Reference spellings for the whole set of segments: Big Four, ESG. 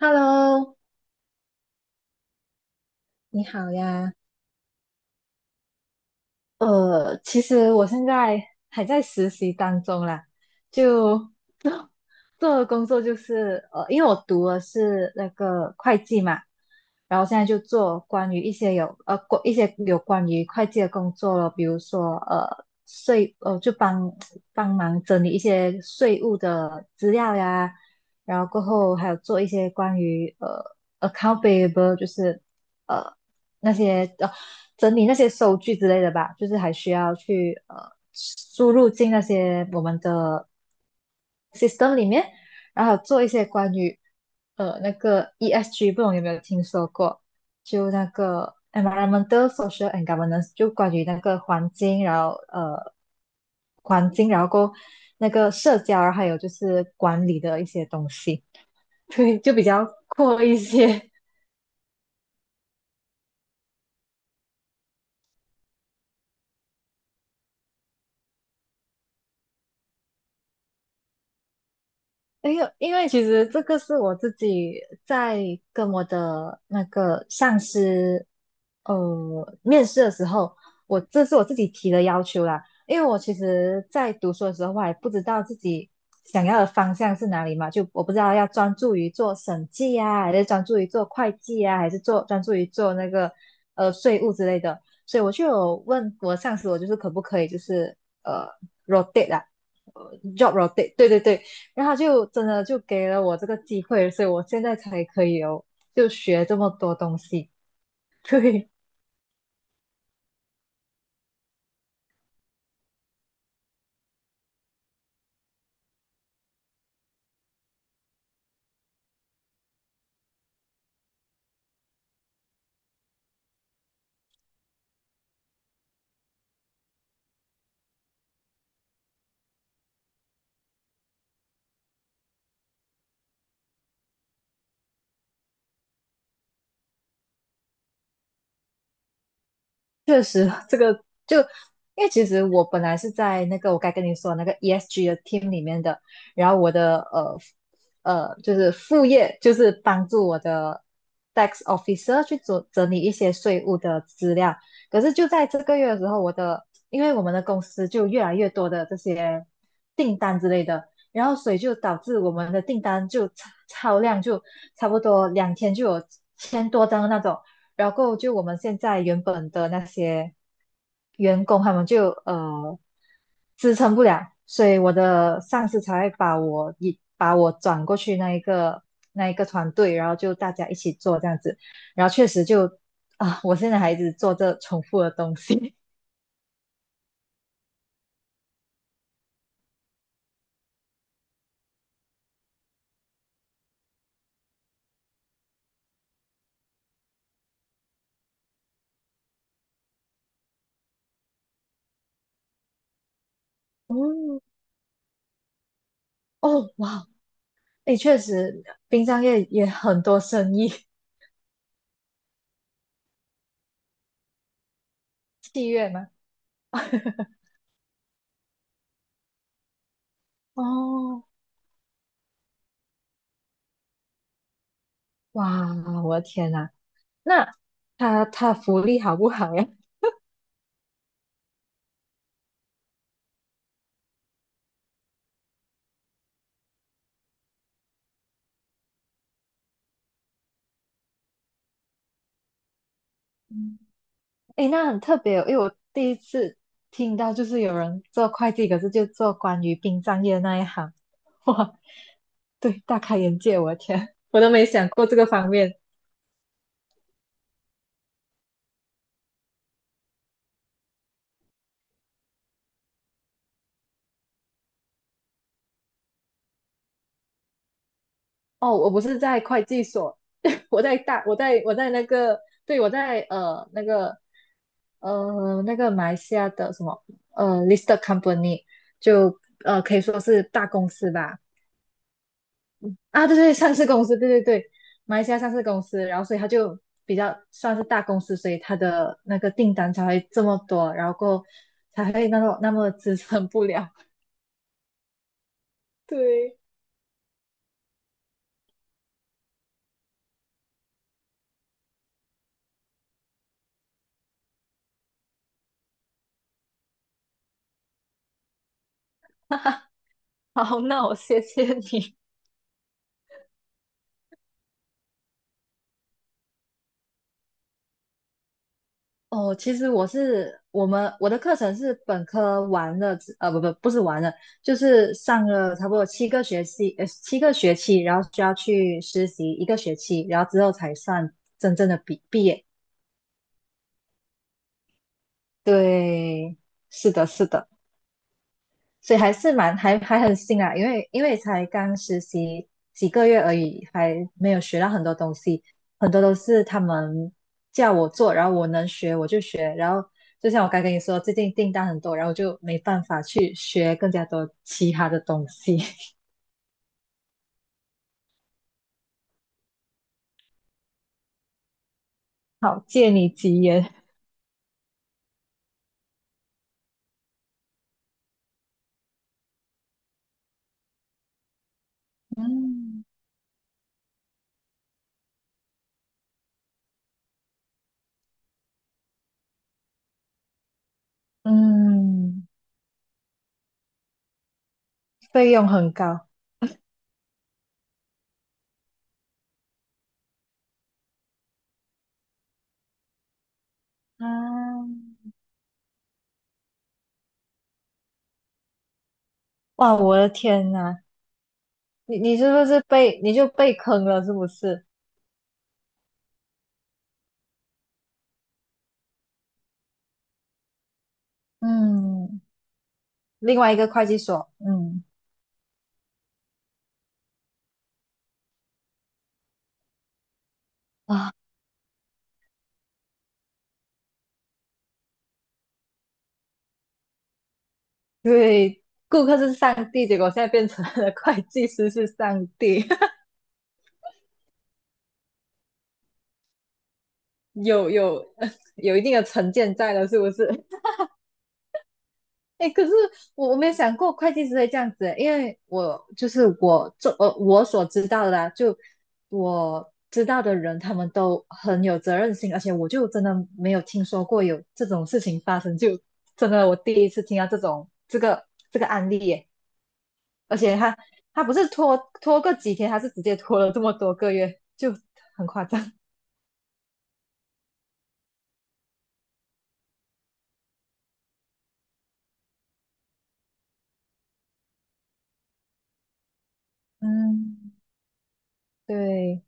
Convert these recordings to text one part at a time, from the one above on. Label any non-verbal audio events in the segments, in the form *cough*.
Hello，你好呀，其实我现在还在实习当中啦，就 *laughs* 做的工作就是因为我读的是那个会计嘛，然后现在就做关于一些一些有关于会计的工作了，比如说呃税呃就帮忙整理一些税务的资料呀，然后过后还有做一些关于 account p a b l e 就是。呃。那些整理那些收据之类的吧，就是还需要去输入进那些我们的 system 里面，然后做一些关于那个 ESG，不懂有没有听说过？就那个 environmental, social and governance，就关于那个环境，然后过后那个社交，然后还有就是管理的一些东西，*laughs* 对，就比较阔一些。因为其实这个是我自己在跟我的那个上司面试的时候，是我自己提的要求啦。因为我其实，在读书的时候，我还不知道自己想要的方向是哪里嘛，就我不知道要专注于做审计啊，还是专注于做会计啊，还是专注于做那个税务之类的。所以我就有问我上司，我就是可不可以就是呃 rotate 啦，呃 job rotate，对对对，然后他就真的就给了我这个机会，所以我现在才可以哦，就学这么多东西。*laughs* 对，确实就因为其实我本来是在那个我该跟你说的那个 ESG 的 team 里面的，然后我的就是副业就是帮助我的 tax officer 去整理一些税务的资料。可是就在这个月的时候，因为我们的公司就越来越多的这些订单之类的，然后所以就导致我们的订单就超量，就差不多两天就有千多张的那种。然后就我们现在原本的那些员工他们就支撑不了，所以我的上司才会把我转过去那一个团队，然后就大家一起做这样子，然后确实就啊，我现在还一直做这重复的东西。*laughs* 哦哦哇，诶，确实殡葬业也很多生意，*laughs* 戏月吗？*laughs* 哦哇，我的天呐，那他他福利好不好呀？嗯诶，那很特别哦，因为我第一次听到就是有人做会计，可是就做关于殡葬业那一行，*laughs* 哇，对，大开眼界，我的天，*laughs* 我都没想过这个方面。哦，我不是在会计所，*laughs* 我在我在那个，对，我在那个马来西亚的什么listed company，就呃可以说是大公司吧，啊，对对，上市公司，对对对，马来西亚上市公司，然后所以他就比较算是大公司，所以他的那个订单才会这么多，然后过后才会那种那么支撑不了。*laughs* 对，*laughs* 好，那我谢谢你。哦，其实我的课程是本科完了之呃，不不不是完了，就是上了差不多七个学期，七个学期，然后需要去实习一个学期，然后之后才算真正的毕业。对，是的，是的。所以还是蛮还还很新啊，因为因为才刚实习几个月而已，还没有学到很多东西，很多都是他们叫我做，然后我能学我就学，然后就像我刚跟你说，最近订单很多，然后我就没办法去学更加多其他的东西。*laughs* 好，借你吉言，嗯嗯，费用很高啊，哇，我的天呐，你你是不是被你就被坑了是不是？嗯。另外一个会计所，嗯，啊，对，顾客是上帝，结果现在变成了会计师是上帝，*laughs* 有有有一定的成见在了，是不是？*laughs* 哎，可是我我没有想过会计师会这样子，因为我就是我所知道的啦，就我知道的人，他们都很有责任心，而且我就真的没有听说过有这种事情发生，就真的我第一次听到这个案例耶。而且他他不是拖个几天，他是直接拖了这么多个月，就很夸张。嗯，对，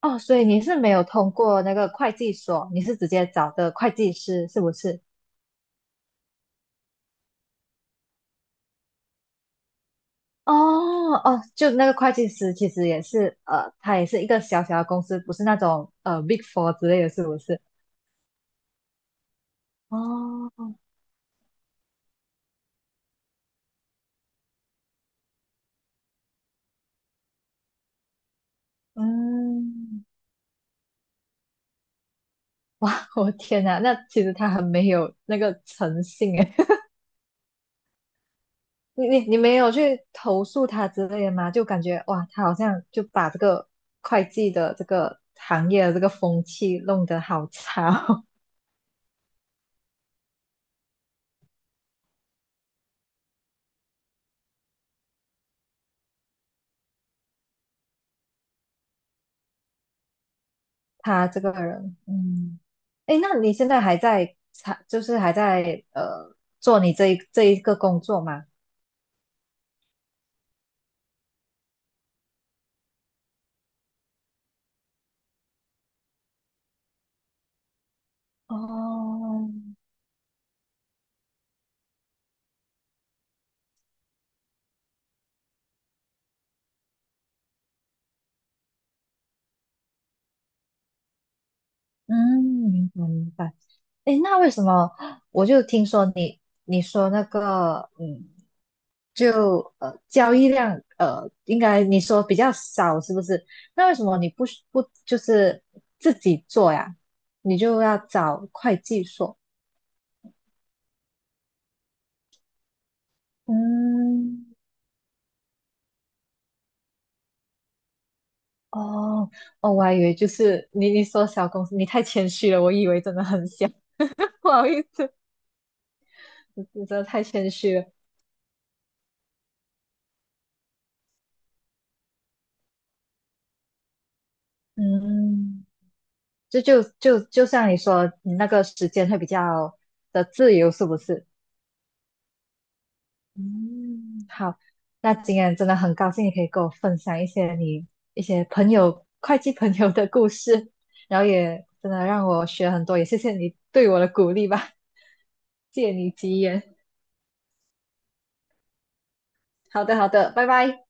哦，所以你是没有通过那个会计所，你是直接找的会计师，是不是？哦哦，就那个会计师其实也是，呃，他也是一个小小的公司，不是那种Big Four 之类的，是不是？哦，嗯，*laughs* 我天哪，那其实他很没有那个诚信诶。你你你没有去投诉他之类的吗？就感觉哇，他好像就把这个会计的这个行业的这个风气弄得好差哦，*laughs* 他这个人，嗯，哎，那你现在还在，就是还在做你这一个工作吗？哦，嗯，明白明白。诶，那为什么我就听说你你说那个嗯，就交易量，应该你说比较少是不是？那为什么你不不就是自己做呀？你就要找会计所？嗯，哦哦，我还以为就是你你说小公司，你太谦虚了，我以为真的很小，*laughs* 不好意思，你真的太谦虚了。嗯。就像你说，你那个时间会比较的自由，是不是？嗯，好，那今天真的很高兴你可以跟我分享一些你一些朋友会计朋友的故事，然后也真的让我学很多，也谢谢你对我的鼓励吧，借你吉言。好的，好的，拜拜。